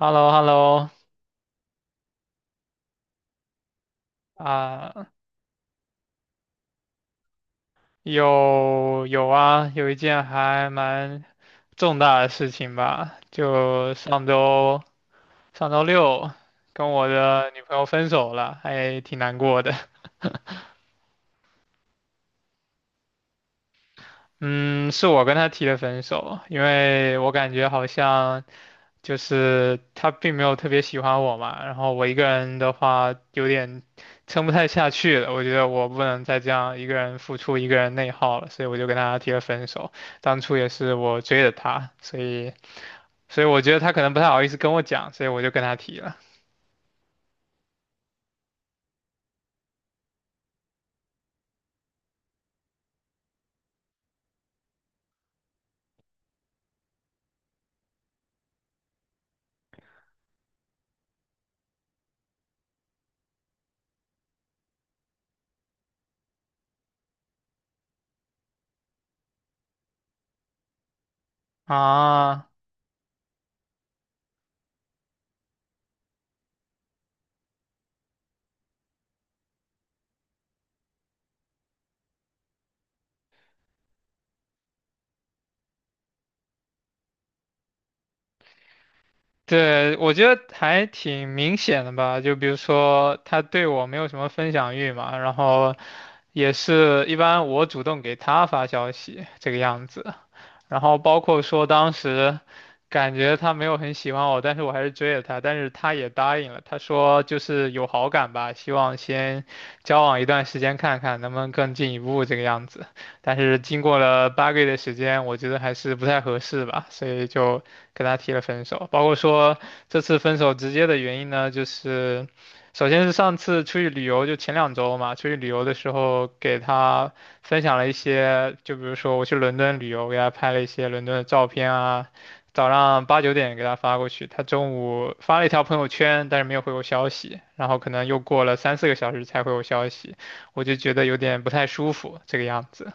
h e l l o h e l l o 啊，有啊，有一件还蛮重大的事情吧，就上周六跟我的女朋友分手了，还挺难过的。嗯，是我跟她提的分手，因为我感觉好像就是他并没有特别喜欢我嘛，然后我一个人的话有点撑不太下去了，我觉得我不能再这样一个人付出、一个人内耗了，所以我就跟他提了分手。当初也是我追的他，所以我觉得他可能不太好意思跟我讲，所以我就跟他提了。啊，对，我觉得还挺明显的吧，就比如说他对我没有什么分享欲嘛，然后也是一般我主动给他发消息这个样子。然后包括说当时感觉他没有很喜欢我，但是我还是追了他，但是他也答应了，他说就是有好感吧，希望先交往一段时间看看能不能更进一步这个样子。但是经过了八个月的时间，我觉得还是不太合适吧，所以就跟他提了分手。包括说这次分手直接的原因呢，就是首先是上次出去旅游，就前两周嘛，出去旅游的时候给他分享了一些，就比如说我去伦敦旅游，给他拍了一些伦敦的照片啊。早上八九点给他发过去，他中午发了一条朋友圈，但是没有回我消息，然后可能又过了三四个小时才回我消息，我就觉得有点不太舒服，这个样子。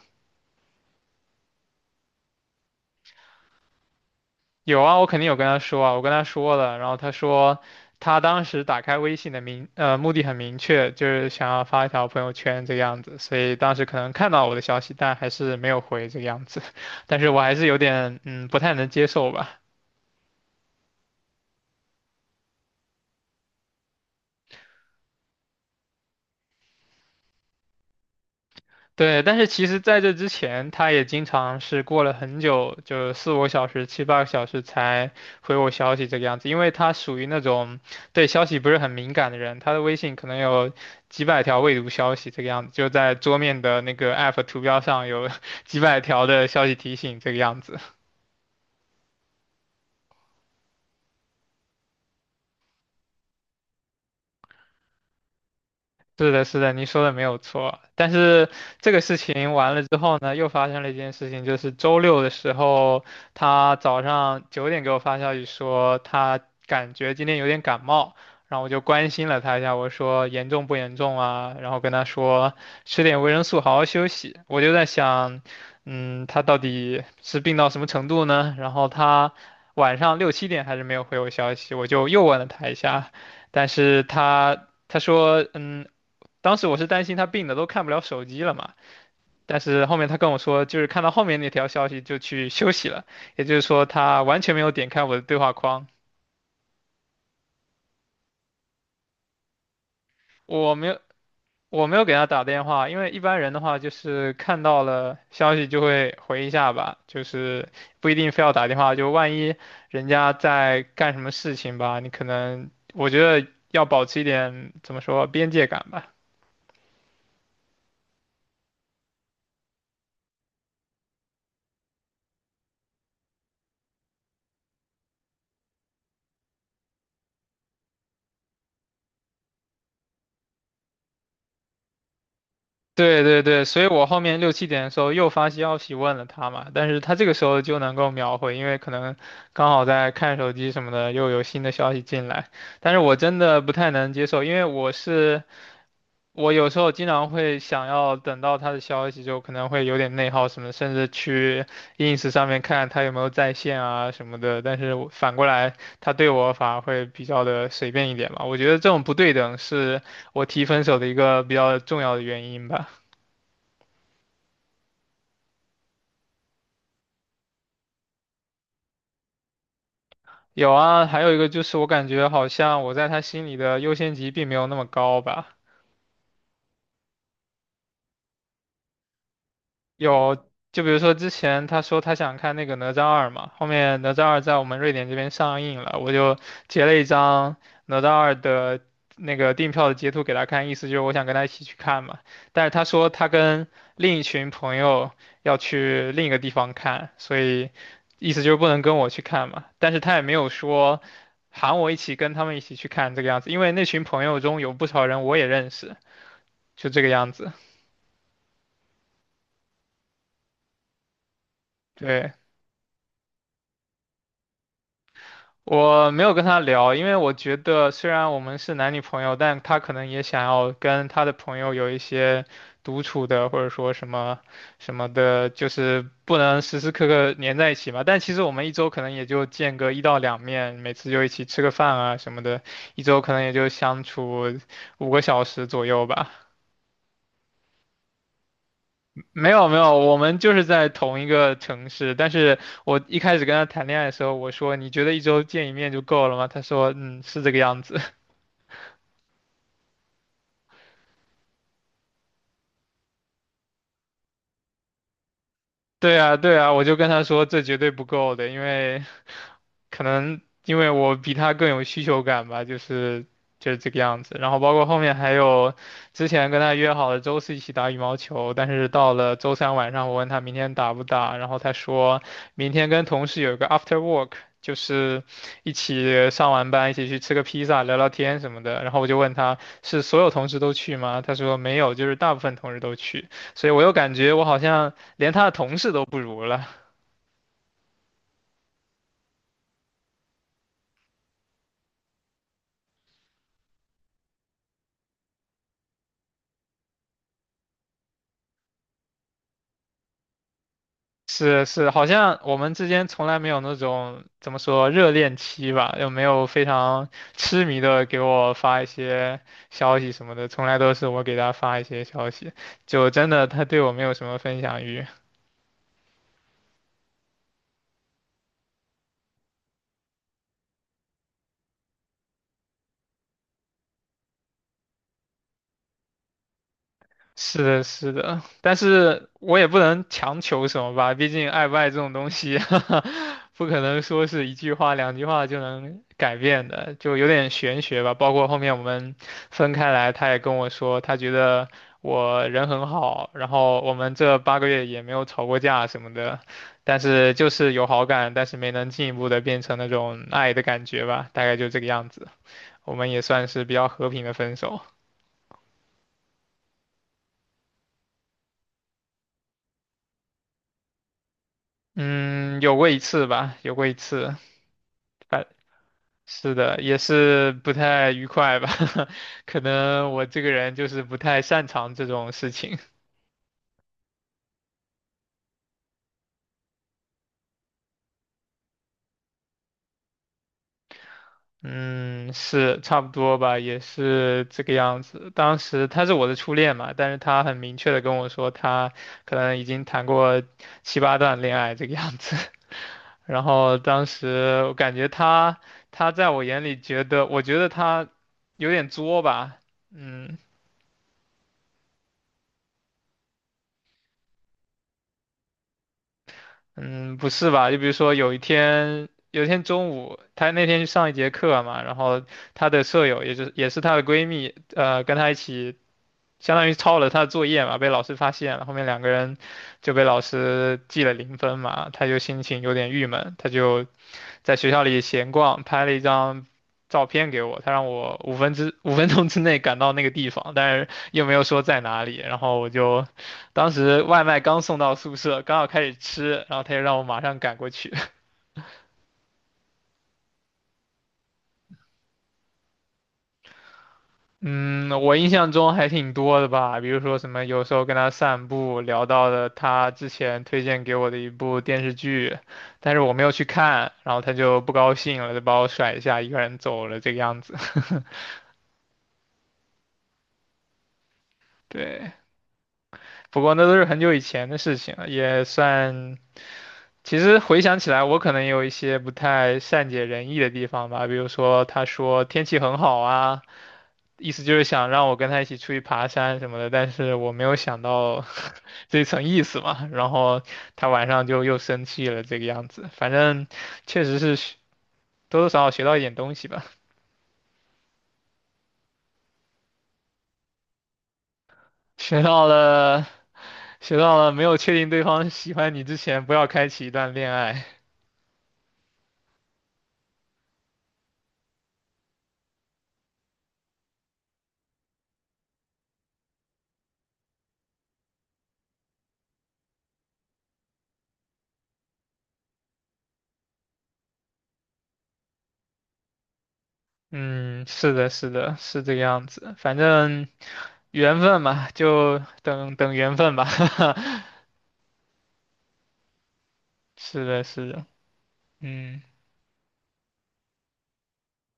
有啊，我肯定有跟他说啊，我跟他说了，然后他说他当时打开微信的目的很明确，就是想要发一条朋友圈这个样子，所以当时可能看到我的消息，但还是没有回这个样子，但是我还是有点不太能接受吧。对，但是其实在这之前，他也经常是过了很久，就四五个小时、七八个小时才回我消息这个样子，因为他属于那种对消息不是很敏感的人，他的微信可能有几百条未读消息这个样子，就在桌面的那个 app 图标上有 几百条的消息提醒这个样子。是的，是的，您说的没有错。但是这个事情完了之后呢，又发生了一件事情，就是周六的时候，他早上九点给我发消息说他感觉今天有点感冒，然后我就关心了他一下，我说严重不严重啊？然后跟他说吃点维生素，好好休息。我就在想，嗯，他到底是病到什么程度呢？然后他晚上六七点还是没有回我消息，我就又问了他一下，但是他。他说：“嗯，当时我是担心他病的都看不了手机了嘛，但是后面他跟我说，就是看到后面那条消息就去休息了，也就是说他完全没有点开我的对话框，我没有。我没有给他打电话，因为一般人的话就是看到了消息就会回一下吧，就是不一定非要打电话，就万一人家在干什么事情吧，你可能我觉得要保持一点怎么说边界感吧。对对对，所以我后面六七点的时候又发消息问了他嘛，但是他这个时候就能够秒回，因为可能刚好在看手机什么的，又有新的消息进来。但是我真的不太能接受，因为我有时候经常会想要等到他的消息，就可能会有点内耗什么，甚至去 ins 上面看他有没有在线啊什么的。但是我反过来，他对我反而会比较的随便一点嘛，我觉得这种不对等是我提分手的一个比较重要的原因吧。有啊，还有一个就是我感觉好像我在他心里的优先级并没有那么高吧。有，就比如说之前他说他想看那个《哪吒二》嘛，后面《哪吒二》在我们瑞典这边上映了，我就截了一张《哪吒二》的那个订票的截图给他看，意思就是我想跟他一起去看嘛。但是他说他跟另一群朋友要去另一个地方看，所以意思就是不能跟我去看嘛。但是他也没有说喊我一起跟他们一起去看这个样子，因为那群朋友中有不少人我也认识，就这个样子。对，我没有跟他聊，因为我觉得虽然我们是男女朋友，但他可能也想要跟他的朋友有一些独处的，或者说什么什么的，就是不能时时刻刻黏在一起嘛。但其实我们一周可能也就见个一到两面，每次就一起吃个饭啊什么的，一周可能也就相处五个小时左右吧。没有没有，我们就是在同一个城市，但是我一开始跟他谈恋爱的时候，我说你觉得一周见一面就够了吗？他说嗯是这个样子。对啊，对啊，我就跟他说这绝对不够的，因为可能因为我比他更有需求感吧，就是这个样子。然后包括后面还有之前跟他约好了周四一起打羽毛球，但是到了周三晚上，我问他明天打不打，然后他说明天跟同事有一个 after work。就是一起上完班，一起去吃个披萨、聊聊天什么的。然后我就问他是所有同事都去吗？他说没有，就是大部分同事都去。所以我又感觉我好像连他的同事都不如了。是是，好像我们之间从来没有那种怎么说热恋期吧，又没有非常痴迷的给我发一些消息什么的，从来都是我给他发一些消息，就真的他对我没有什么分享欲。是的，是的，但是我也不能强求什么吧，毕竟爱不爱这种东西，不可能说是一句话、两句话就能改变的，就有点玄学吧。包括后面我们分开来，他也跟我说，他觉得我人很好，然后我们这八个月也没有吵过架什么的，但是就是有好感，但是没能进一步的变成那种爱的感觉吧，大概就这个样子。我们也算是比较和平的分手。嗯，有过一次吧，有过一次。是的，也是不太愉快吧，可能我这个人就是不太擅长这种事情。嗯，是差不多吧，也是这个样子。当时他是我的初恋嘛，但是他很明确的跟我说，他可能已经谈过七八段恋爱这个样子。然后当时我感觉他，他在我眼里觉得，我觉得他有点作吧，嗯，嗯，不是吧？就比如说有一天，有一天中午，她那天去上一节课嘛，然后她的舍友，也就是也是她的闺蜜，跟她一起，相当于抄了她的作业嘛，被老师发现了，后面两个人就被老师记了0分嘛，她就心情有点郁闷，她就在学校里闲逛，拍了一张照片给我，他让我五分之五分钟之内赶到那个地方，但是又没有说在哪里。然后我就当时外卖刚送到宿舍，刚好开始吃，然后他就让我马上赶过去。嗯，我印象中还挺多的吧，比如说什么有时候跟他散步聊到了他之前推荐给我的一部电视剧，但是我没有去看，然后他就不高兴了，就把我甩下一个人走了这个样子。对。不过那都是很久以前的事情了，也算。其实回想起来，我可能也有一些不太善解人意的地方吧，比如说他说天气很好啊，意思就是想让我跟他一起出去爬山什么的，但是我没有想到 这层意思嘛，然后他晚上就又生气了，这个样子。反正确实是多多少少学到一点东西吧，学到了，学到了没有确定对方喜欢你之前，不要开启一段恋爱。嗯，是的，是的，是这个样子。反正缘分嘛，就等等缘分吧。是的，是的，嗯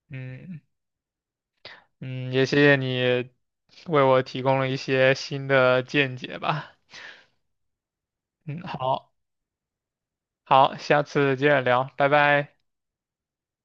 嗯嗯，也谢谢你为我提供了一些新的见解吧。嗯，好，好，下次接着聊，拜拜。